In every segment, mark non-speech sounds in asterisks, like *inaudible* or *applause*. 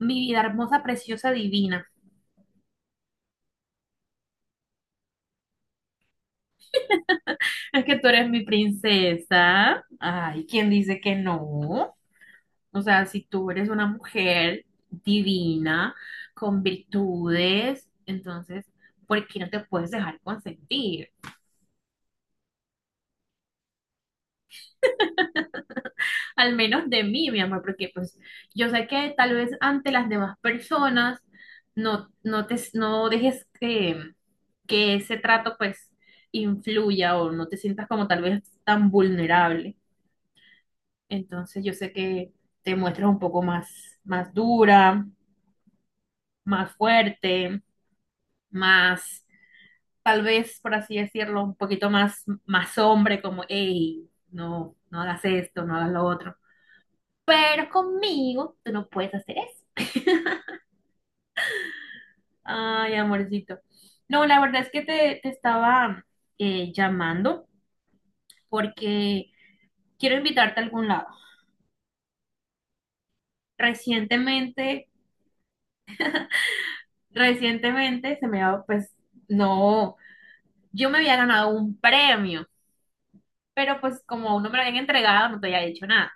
Mi vida hermosa, preciosa, divina. Es que tú eres mi princesa. Ay, ¿quién dice que no? O sea, si tú eres una mujer divina, con virtudes, entonces, ¿por qué no te puedes dejar consentir? Al menos de mí, mi amor, porque pues yo sé que tal vez ante las demás personas no, no dejes que ese trato pues influya o no te sientas como tal vez tan vulnerable. Entonces yo sé que te muestras un poco más, más dura, más fuerte, más, tal vez, por así decirlo, un poquito más, más hombre, como, hey, no, no hagas esto, no hagas lo otro. Pero conmigo tú no puedes hacer eso. Ay, amorcito. No, la verdad es que te estaba llamando porque quiero invitarte a algún lado. Recientemente, recientemente se me ha, pues, no. Yo me había ganado un premio, pero pues como aún no me lo habían entregado, no te había dicho nada.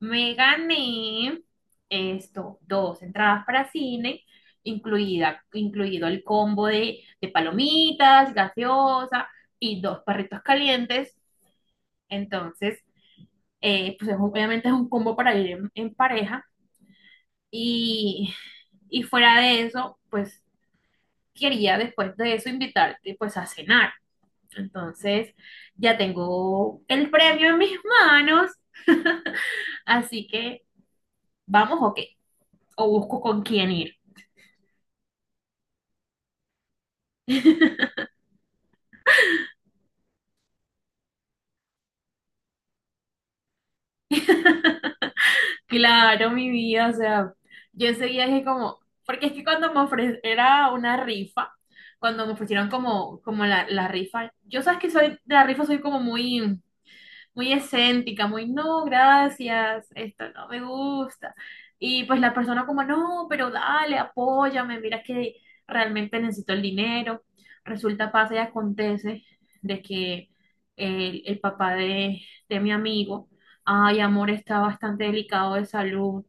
Me gané esto, dos entradas para cine, incluida, incluido el combo de palomitas, gaseosa y dos perritos calientes. Entonces, pues obviamente es un combo para ir en pareja. Y, y fuera de eso, pues quería después de eso invitarte pues a cenar. Entonces, ya tengo el premio en mis manos, así que vamos o qué, o busco con quién ir. *laughs* Claro, mi vida, o sea, yo enseguida dije como, porque es que cuando me ofrecieron, era una rifa, cuando me ofrecieron como, como la rifa, yo sabes que soy, de la rifa soy como muy, muy escéntica, muy no, gracias, esto no me gusta. Y pues la persona como, no, pero dale, apóyame, mira que realmente necesito el dinero. Resulta, pasa y acontece de que el papá de mi amigo, ay, amor, está bastante delicado de salud,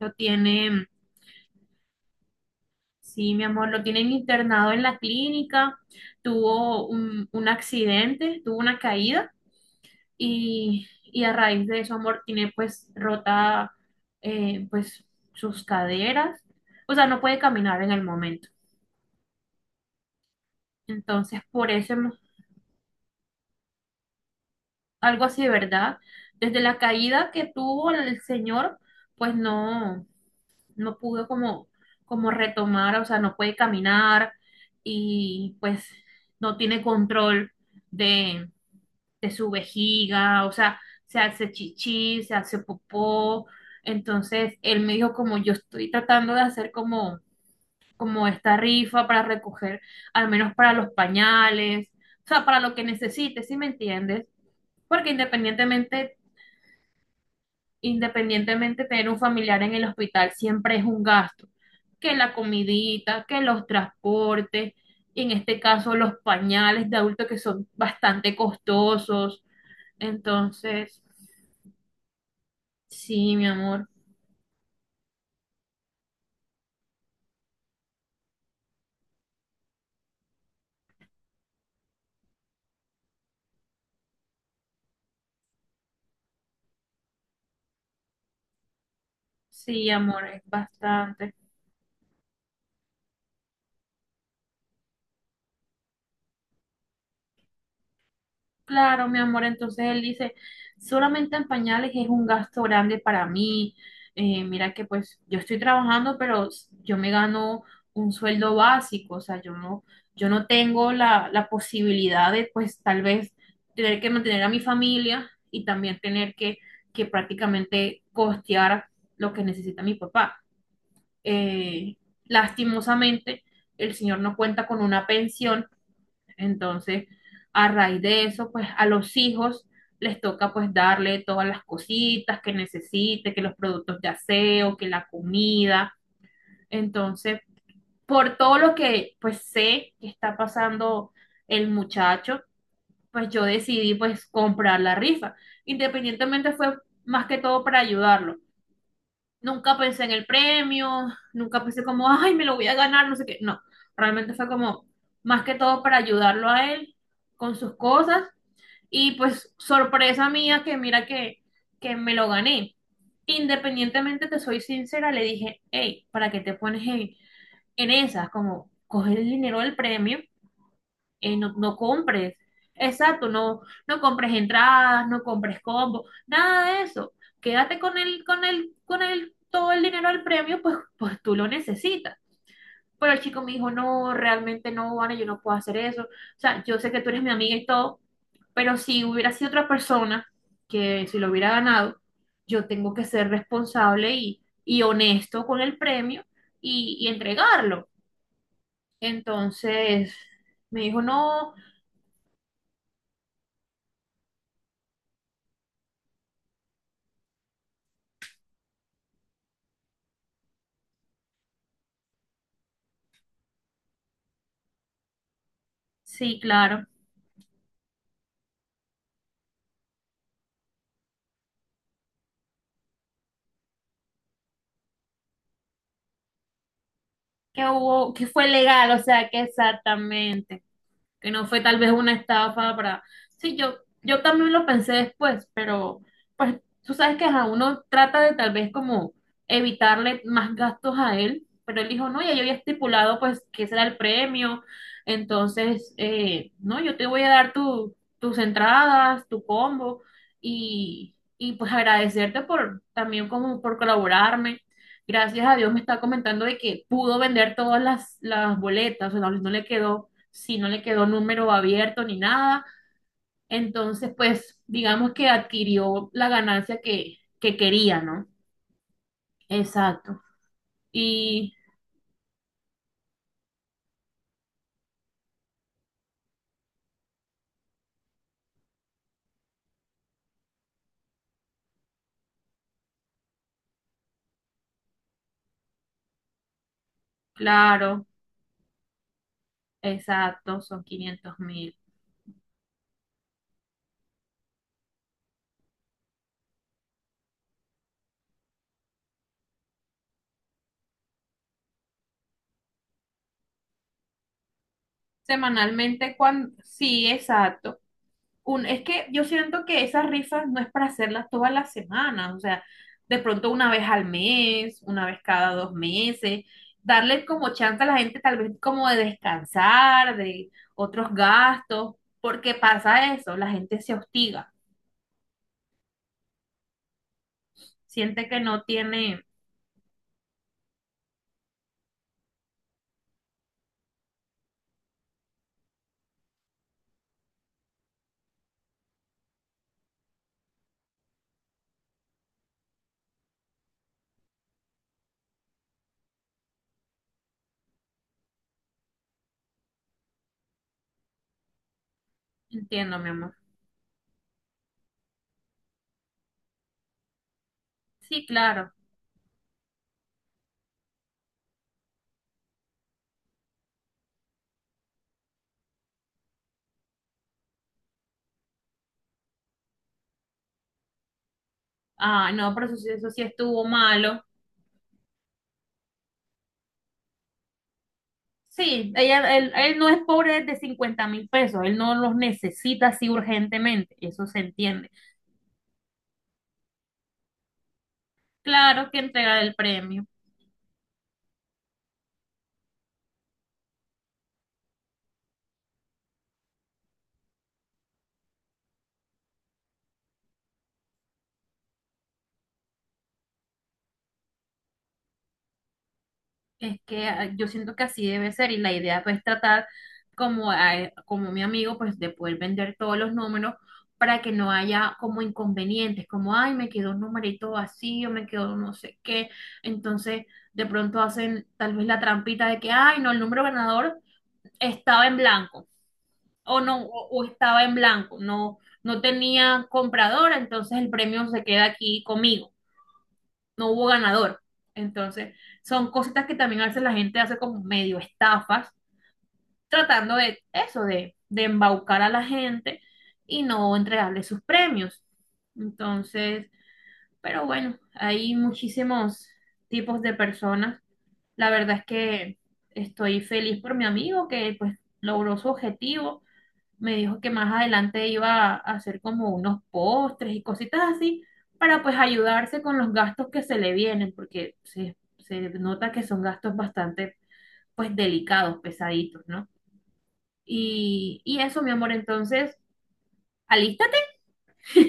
lo tiene... Sí, mi amor, lo tienen internado en la clínica, tuvo un accidente, tuvo una caída y a raíz de eso amor tiene pues rota pues sus caderas, o sea, no puede caminar en el momento. Entonces, algo así de verdad, desde la caída que tuvo el señor, pues no, no pudo como, como retomar, o sea, no puede caminar y pues no tiene control de su vejiga, o sea, se hace chichi, se hace popó. Entonces, él me dijo como yo estoy tratando de hacer como, como esta rifa para recoger, al menos para los pañales, o sea, para lo que necesites, ¿si me entiendes? Porque independientemente, independientemente tener un familiar en el hospital siempre es un gasto, que la comidita, que los transportes, y en este caso los pañales de adulto que son bastante costosos. Entonces, sí, mi amor. Sí, amor, es bastante. Claro, mi amor. Entonces él dice, solamente en pañales es un gasto grande para mí. Mira que pues yo estoy trabajando, pero yo me gano un sueldo básico. O sea, yo no, yo no tengo la, la posibilidad de pues tal vez tener que mantener a mi familia y también tener que prácticamente costear lo que necesita mi papá. Eh, lastimosamente, el señor no cuenta con una pensión. Entonces, a raíz de eso, pues a los hijos les toca pues darle todas las cositas que necesite, que los productos de aseo, que la comida. Entonces, por todo lo que pues sé que está pasando el muchacho, pues yo decidí pues comprar la rifa. Independientemente fue más que todo para ayudarlo. Nunca pensé en el premio, nunca pensé como, ay, me lo voy a ganar, no sé qué. No, realmente fue como más que todo para ayudarlo a él con sus cosas y pues sorpresa mía que mira que me lo gané. Independientemente, te soy sincera, le dije, hey, ¿para qué te pones en esas? Como, coge el dinero del premio, no, no compres. Exacto, no, no compres entradas, no compres combo, nada de eso. Quédate con el, con el, con el, todo el dinero del premio, pues, pues tú lo necesitas. Pero el chico me dijo, no, realmente no, Vane, yo no puedo hacer eso. O sea, yo sé que tú eres mi amiga y todo, pero si hubiera sido otra persona que si lo hubiera ganado, yo tengo que ser responsable y honesto con el premio y entregarlo. Entonces me dijo, no, sí, claro, que hubo, que fue legal, o sea, que exactamente. Que no fue tal vez una estafa para... Sí, yo también lo pensé después, pero pues tú sabes que a uno trata de tal vez como evitarle más gastos a él, pero él dijo, no, ya yo había estipulado pues que será el premio, entonces, no, yo te voy a dar tu, tus entradas, tu combo y pues agradecerte por también como por colaborarme. Gracias a Dios me está comentando de que pudo vender todas las boletas, o sea, no le quedó, si no le quedó número abierto ni nada. Entonces, pues, digamos que adquirió la ganancia que quería, ¿no? Exacto. Y claro, exacto, son 500.000. Semanalmente, cuando, sí, exacto. Es que yo siento que esas rifas no es para hacerlas todas las semanas, o sea, de pronto una vez al mes, una vez cada dos meses, darle como chance a la gente tal vez como de descansar, de otros gastos, porque pasa eso, la gente se hostiga, siente que no tiene, entiendo, mi amor. Sí, claro. Ah, no, pero eso, eso sí estuvo malo. Sí, ella, él no es pobre de 50.000 pesos, él no los necesita así urgentemente, eso se entiende. Claro que entregar el premio. Es que ah, yo siento que así debe ser y la idea pues es tratar como, como mi amigo pues de poder vender todos los números para que no haya como inconvenientes, como ay, me quedó un numerito vacío, me quedó no sé qué. Entonces de pronto hacen tal vez la trampita de que ay, no, el número ganador estaba en blanco o no, o estaba en blanco, no, no tenía comprador, entonces el premio se queda aquí conmigo. No hubo ganador. Entonces, son cositas que también a veces la gente hace como medio estafas, tratando de eso, de embaucar a la gente y no entregarle sus premios. Entonces, pero bueno, hay muchísimos tipos de personas. La verdad es que estoy feliz por mi amigo que pues logró su objetivo. Me dijo que más adelante iba a hacer como unos postres y cositas así para pues ayudarse con los gastos que se le vienen, porque se nota que son gastos bastante pues delicados, pesaditos, ¿no? Y eso, mi amor, entonces, alístate,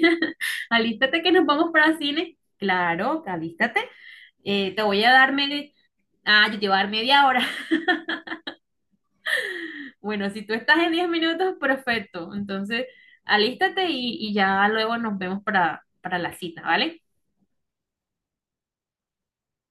*laughs* alístate que nos vamos para cine. Claro, alístate. Te voy a dar media, ah, yo te voy a dar media hora. Bueno, si tú estás en 10 minutos, perfecto. Entonces, alístate y ya luego nos vemos para la cita, ¿vale?